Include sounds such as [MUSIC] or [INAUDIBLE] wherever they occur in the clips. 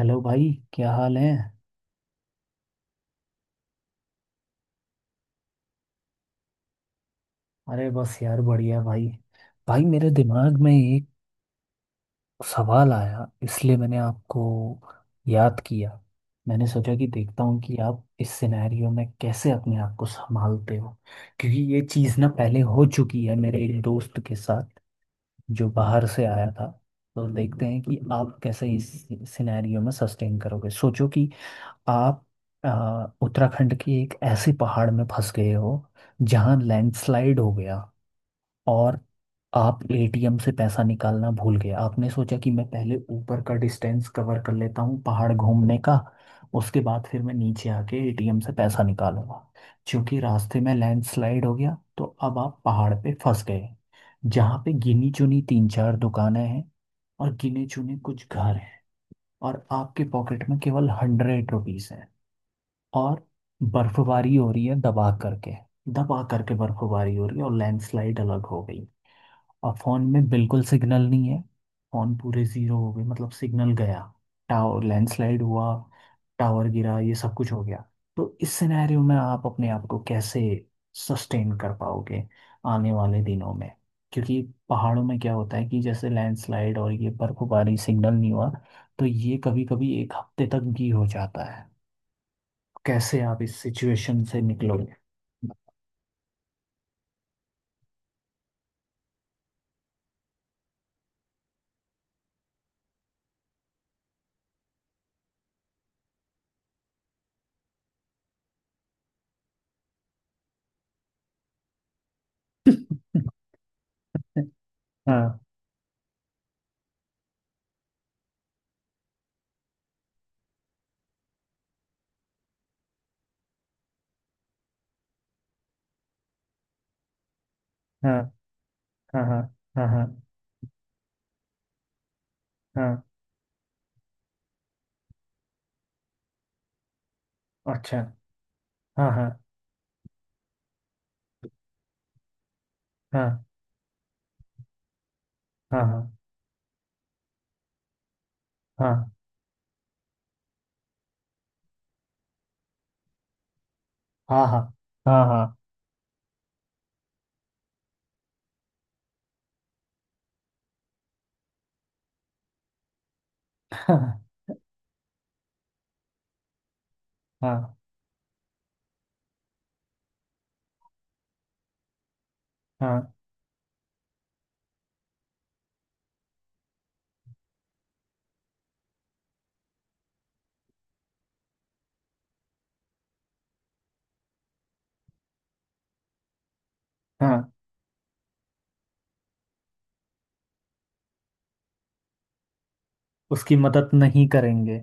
Hello भाई, क्या हाल है। अरे बस यार, बढ़िया भाई। भाई मेरे दिमाग में एक सवाल आया, इसलिए मैंने आपको याद किया। मैंने सोचा कि देखता हूँ कि आप इस सिनेरियो में कैसे अपने आप को संभालते हो, क्योंकि ये चीज़ ना पहले हो चुकी है मेरे एक दोस्त के साथ जो बाहर से आया था। तो देखते हैं कि आप कैसे इस सिनेरियो में सस्टेन करोगे। सोचो कि आप उत्तराखंड की एक ऐसी पहाड़ में फंस गए हो जहां लैंडस्लाइड हो गया, और आप एटीएम से पैसा निकालना भूल गए। आपने सोचा कि मैं पहले ऊपर का डिस्टेंस कवर कर लेता हूँ पहाड़ घूमने का, उसके बाद फिर मैं नीचे आके एटीएम से पैसा निकालूंगा। क्योंकि रास्ते में लैंडस्लाइड हो गया तो अब आप पहाड़ पे फंस गए, जहाँ पे गिनी चुनी तीन चार दुकानें हैं और गिने चुने कुछ घर हैं। और आपके पॉकेट में केवल हंड्रेड रुपीज़ है। और बर्फबारी हो रही है दबा करके। दबा करके बर्फबारी हो रही है और लैंडस्लाइड अलग हो गई, और फोन में बिल्कुल सिग्नल नहीं है। फोन पूरे जीरो हो गए, मतलब सिग्नल गया, टावर लैंडस्लाइड हुआ, टावर गिरा, ये सब कुछ हो गया। तो इस सिनेरियो में आप अपने आप को कैसे सस्टेन कर पाओगे आने वाले दिनों में। क्योंकि पहाड़ों में क्या होता है कि जैसे लैंडस्लाइड और ये बर्फबारी, सिग्नल नहीं हुआ, तो ये कभी कभी एक हफ्ते तक भी हो जाता है। कैसे आप इस सिचुएशन से निकलोगे। हाँ। हाँ। हाँ हाँ। हाँ हाँ। हाँ, अच्छा। हाँ हाँ हाँ हाँ हाँ। हाँ। हाँ हाँ। हाँ। हाँ। हाँ हाँ। हाँ, उसकी मदद नहीं करेंगे।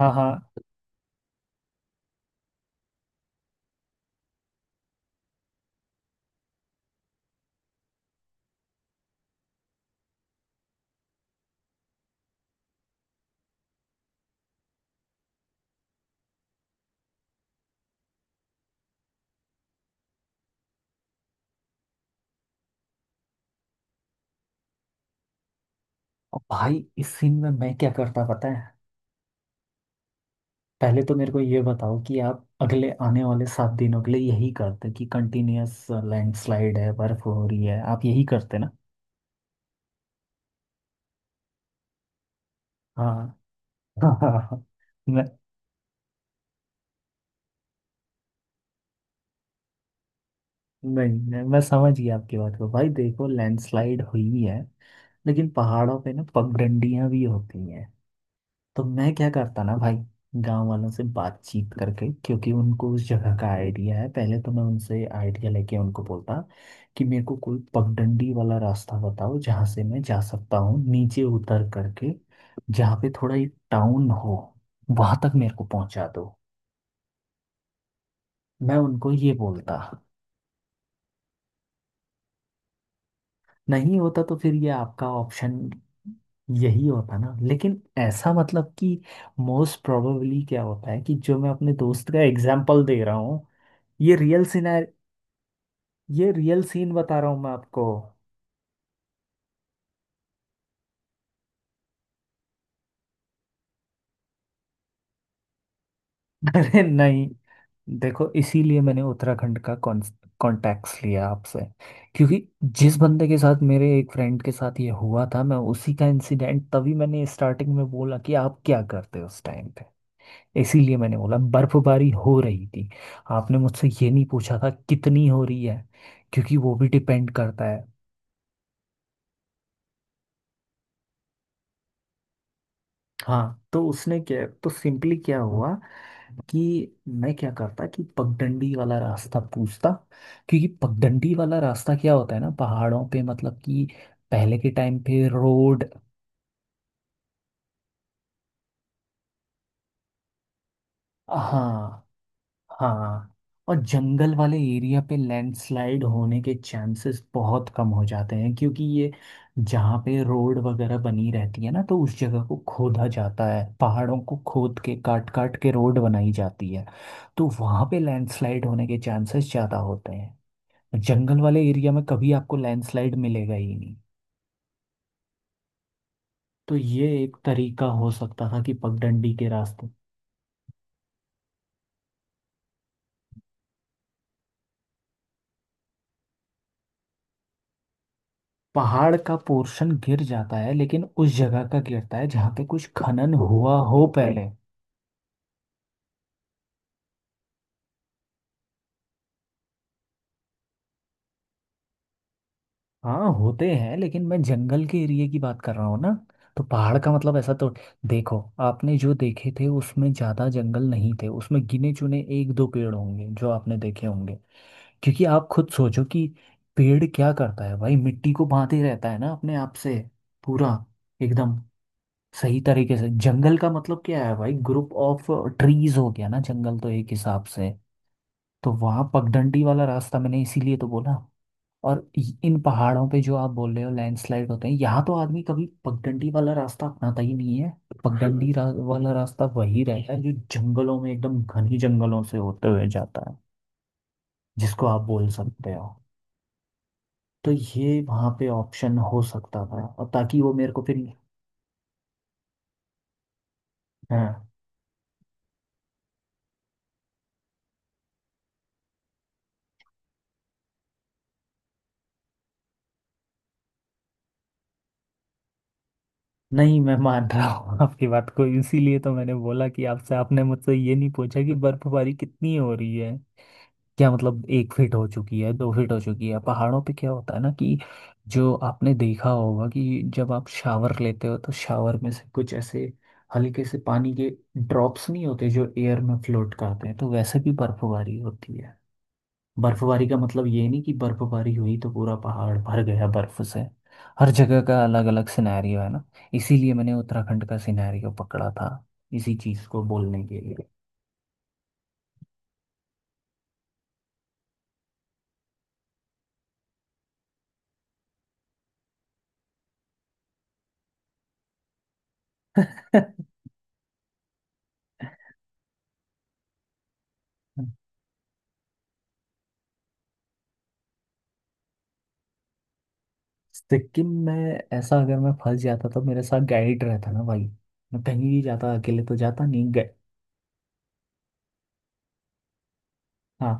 हाँ हाँ। और भाई, इस सीन में मैं क्या करता पता है। पहले तो मेरे को ये बताओ कि आप अगले आने वाले सात दिनों के लिए यही करते कि कंटिन्यूअस लैंडस्लाइड है, बर्फ हो रही है, आप यही करते ना। हाँ। [LAUGHS] हाँ हाँ हाँ। नहीं नहीं, मैं समझ गया आपकी बात को। भाई देखो, लैंडस्लाइड हुई है लेकिन पहाड़ों पे ना पगडंडियां भी होती हैं। तो मैं क्या करता ना भाई, गांव वालों से बातचीत करके, क्योंकि उनको उस जगह का आइडिया है। पहले तो मैं उनसे आइडिया लेके उनको बोलता कि मेरे को कोई पगडंडी वाला रास्ता बताओ जहाँ से मैं जा सकता हूँ नीचे उतर करके, जहाँ पे थोड़ा एक टाउन हो, वहां तक मेरे को पहुंचा दो। मैं उनको ये बोलता। नहीं होता तो फिर ये आपका ऑप्शन यही होता ना। लेकिन ऐसा मतलब कि मोस्ट प्रोबेबली क्या होता है, कि जो मैं अपने दोस्त का एग्जाम्पल दे रहा हूँ, ये रियल सिनार ये रियल सीन बता रहा हूँ मैं आपको। [LAUGHS] अरे नहीं, देखो इसीलिए मैंने उत्तराखंड का कॉन्टैक्ट्स लिया आपसे, क्योंकि जिस बंदे के साथ, मेरे एक फ्रेंड के साथ ये हुआ था, मैं उसी का इंसिडेंट, तभी मैंने स्टार्टिंग में बोला कि आप क्या करते उस टाइम। इसीलिए मैंने बोला बर्फबारी हो रही थी। आपने मुझसे ये नहीं पूछा था कितनी हो रही है, क्योंकि वो भी डिपेंड करता है। हाँ, तो उसने क्या तो सिंपली क्या हुआ कि मैं क्या करता कि पगडंडी वाला रास्ता पूछता। क्योंकि पगडंडी वाला रास्ता क्या होता है ना पहाड़ों पे, मतलब कि पहले के टाइम पे रोड। हाँ। हाँ। और जंगल वाले एरिया पे लैंडस्लाइड होने के चांसेस बहुत कम हो जाते हैं, क्योंकि ये जहाँ पे रोड वगैरह बनी रहती है ना, तो उस जगह को खोदा जाता है, पहाड़ों को खोद के काट काट के रोड बनाई जाती है, तो वहाँ पे लैंडस्लाइड होने के चांसेस ज़्यादा होते हैं। जंगल वाले एरिया में कभी आपको लैंडस्लाइड मिलेगा ही नहीं। तो ये एक तरीका हो सकता था कि पगडंडी के रास्ते। पहाड़ का पोर्शन गिर जाता है, लेकिन उस जगह का गिरता है जहाँ पे कुछ खनन हुआ हो पहले। हाँ होते हैं, लेकिन मैं जंगल के एरिया की बात कर रहा हूँ ना। तो पहाड़ का मतलब ऐसा तो, देखो आपने जो देखे थे उसमें ज़्यादा जंगल नहीं थे, उसमें गिने चुने एक दो पेड़ होंगे जो आपने देखे होंगे। क्योंकि आप खुद सोचो कि पेड़ क्या करता है भाई, मिट्टी को बांधे रहता है ना अपने आप से, पूरा एकदम सही तरीके से। जंगल का मतलब क्या है भाई, ग्रुप ऑफ ट्रीज हो गया ना जंगल, तो एक हिसाब से। तो वहां पगडंडी वाला रास्ता मैंने इसीलिए तो बोला। और इन पहाड़ों पे जो आप बोल रहे हो लैंडस्लाइड होते हैं, यहाँ तो आदमी कभी पगडंडी वाला रास्ता अपनाता ही नहीं है। वाला रास्ता वही रहता है जो जंगलों में एकदम घनी जंगलों से होते हुए जाता है, जिसको आप बोल सकते हो। तो ये वहां पे ऑप्शन हो सकता था, और ताकि वो मेरे को फिर। हाँ। नहीं मैं मान रहा हूँ आपकी बात को, इसीलिए तो मैंने बोला कि आपसे, आपने मुझसे ये नहीं पूछा कि बर्फबारी कितनी हो रही है, क्या मतलब एक फीट हो चुकी है, दो फीट हो चुकी है। पहाड़ों पे क्या होता है ना कि जो आपने देखा होगा कि जब आप शावर लेते हो तो शावर में से कुछ ऐसे हल्के से पानी के ड्रॉप्स नहीं होते जो एयर में फ्लोट करते हैं, तो वैसे भी बर्फबारी होती है। बर्फबारी का मतलब ये नहीं कि बर्फबारी हुई तो पूरा पहाड़ भर गया बर्फ से। हर जगह का अलग अलग सिनेरियो है ना, इसीलिए मैंने उत्तराखंड का सिनेरियो पकड़ा था इसी चीज को बोलने के लिए। [LAUGHS] सिक्किम में ऐसा अगर मैं फंस जाता तो मेरे साथ गाइड रहता ना भाई। मैं कहीं भी जाता अकेले तो जाता नहीं गए। हाँ।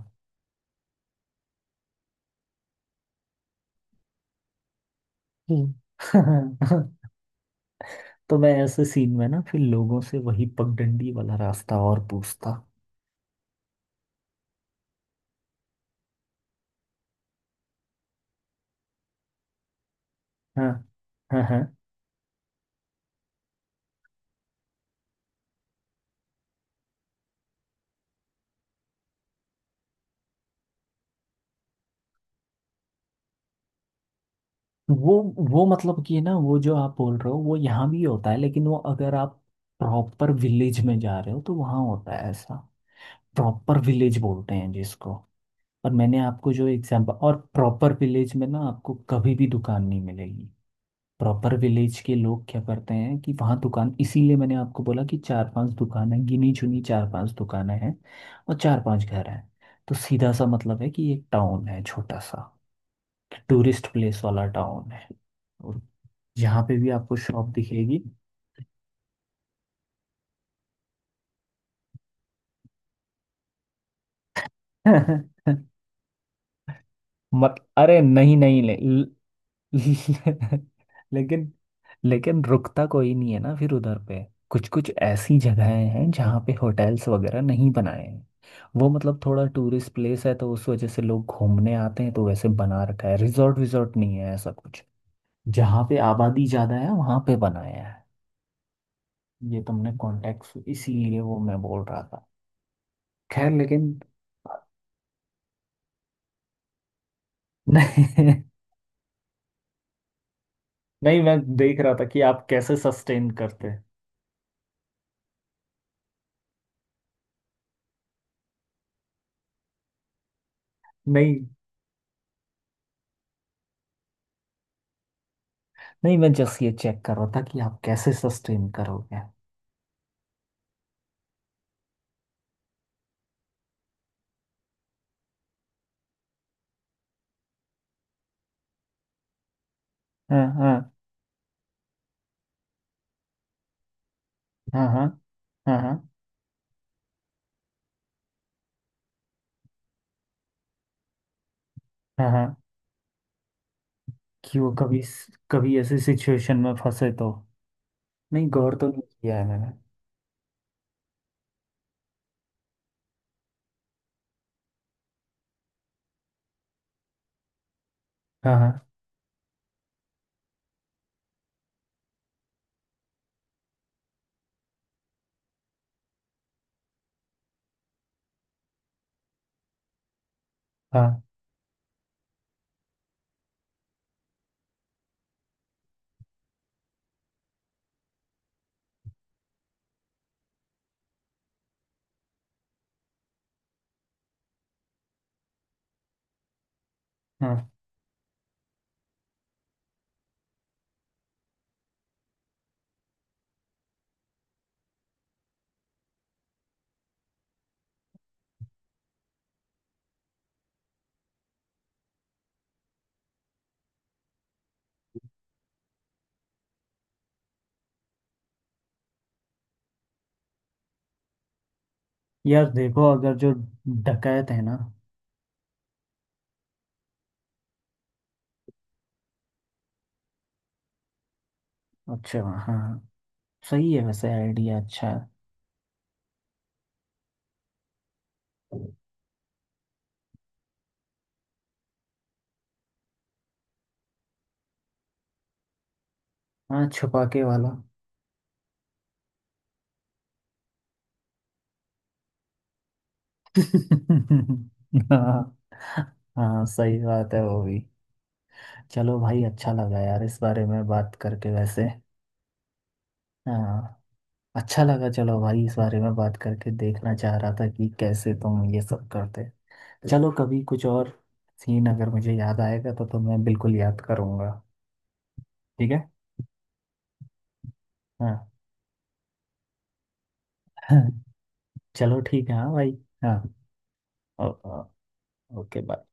हम्म। [LAUGHS] तो मैं ऐसे सीन में ना फिर लोगों से वही पगडंडी वाला रास्ता और पूछता। हाँ हाँ हाँ। वो वो मतलब कि ना, वो जो आप बोल रहे हो वो यहाँ भी होता है, लेकिन वो अगर आप प्रॉपर विलेज में जा रहे हो तो वहाँ होता है ऐसा। प्रॉपर विलेज बोलते हैं जिसको। और मैंने आपको जो एग्जांपल, और प्रॉपर विलेज में ना आपको कभी भी दुकान नहीं मिलेगी। प्रॉपर विलेज के लोग क्या करते हैं कि वहाँ दुकान, इसीलिए मैंने आपको बोला कि चार पांच दुकान है, गिनी चुनी चार पांच दुकानें हैं और चार पांच घर हैं। तो सीधा सा मतलब है कि एक टाउन है छोटा सा, टूरिस्ट प्लेस वाला टाउन है, और यहाँ पे भी आपको शॉप दिखेगी। [LAUGHS] मत, अरे नहीं नहीं, ले, ले, [LAUGHS] लेकिन, लेकिन रुकता कोई नहीं है ना फिर उधर पे। कुछ कुछ ऐसी जगहें हैं जहाँ पे होटल्स वगैरह नहीं बनाए हैं। वो मतलब थोड़ा टूरिस्ट प्लेस है तो उस वजह से लोग घूमने आते हैं, तो वैसे बना रखा है, रिजॉर्ट विजॉर्ट नहीं है ऐसा कुछ। जहाँ पे आबादी ज़्यादा है वहाँ पे बनाया है। ये तुमने कॉन्टेक्स्ट, इसीलिए वो मैं बोल रहा था। खैर लेकिन, नहीं, [LAUGHS] नहीं मैं देख रहा था कि आप कैसे सस्टेन करते हैं। नहीं, नहीं मैं जस्ट ये चेक कर रहा था कि आप कैसे सस्टेन करोगे। हाँ हाँ। हाँ हाँ। हाँ हाँ। हाँ हाँ। कि वो कभी, कभी ऐसी सिचुएशन में फंसे तो। नहीं गौर तो नहीं किया है मैंने। हाँ हाँ। हाँ हाँ। यार देखो अगर जो डकैत है ना। अच्छा हाँ हाँ, सही है वैसे, आइडिया अच्छा है। हाँ, छुपा के वाला। [LAUGHS] हाँ, हाँ सही बात है वो भी। चलो भाई अच्छा लगा यार इस बारे में बात करके वैसे। हाँ, अच्छा लगा। चलो भाई इस बारे में बात करके देखना चाह रहा था कि कैसे तुम ये सब करते। चलो कभी कुछ और सीन अगर मुझे याद आएगा तो मैं बिल्कुल याद करूँगा। ठीक है। हाँ। [LAUGHS] चलो ठीक है, हाँ भाई। हाँ। ओ- ओ- ओके बाय।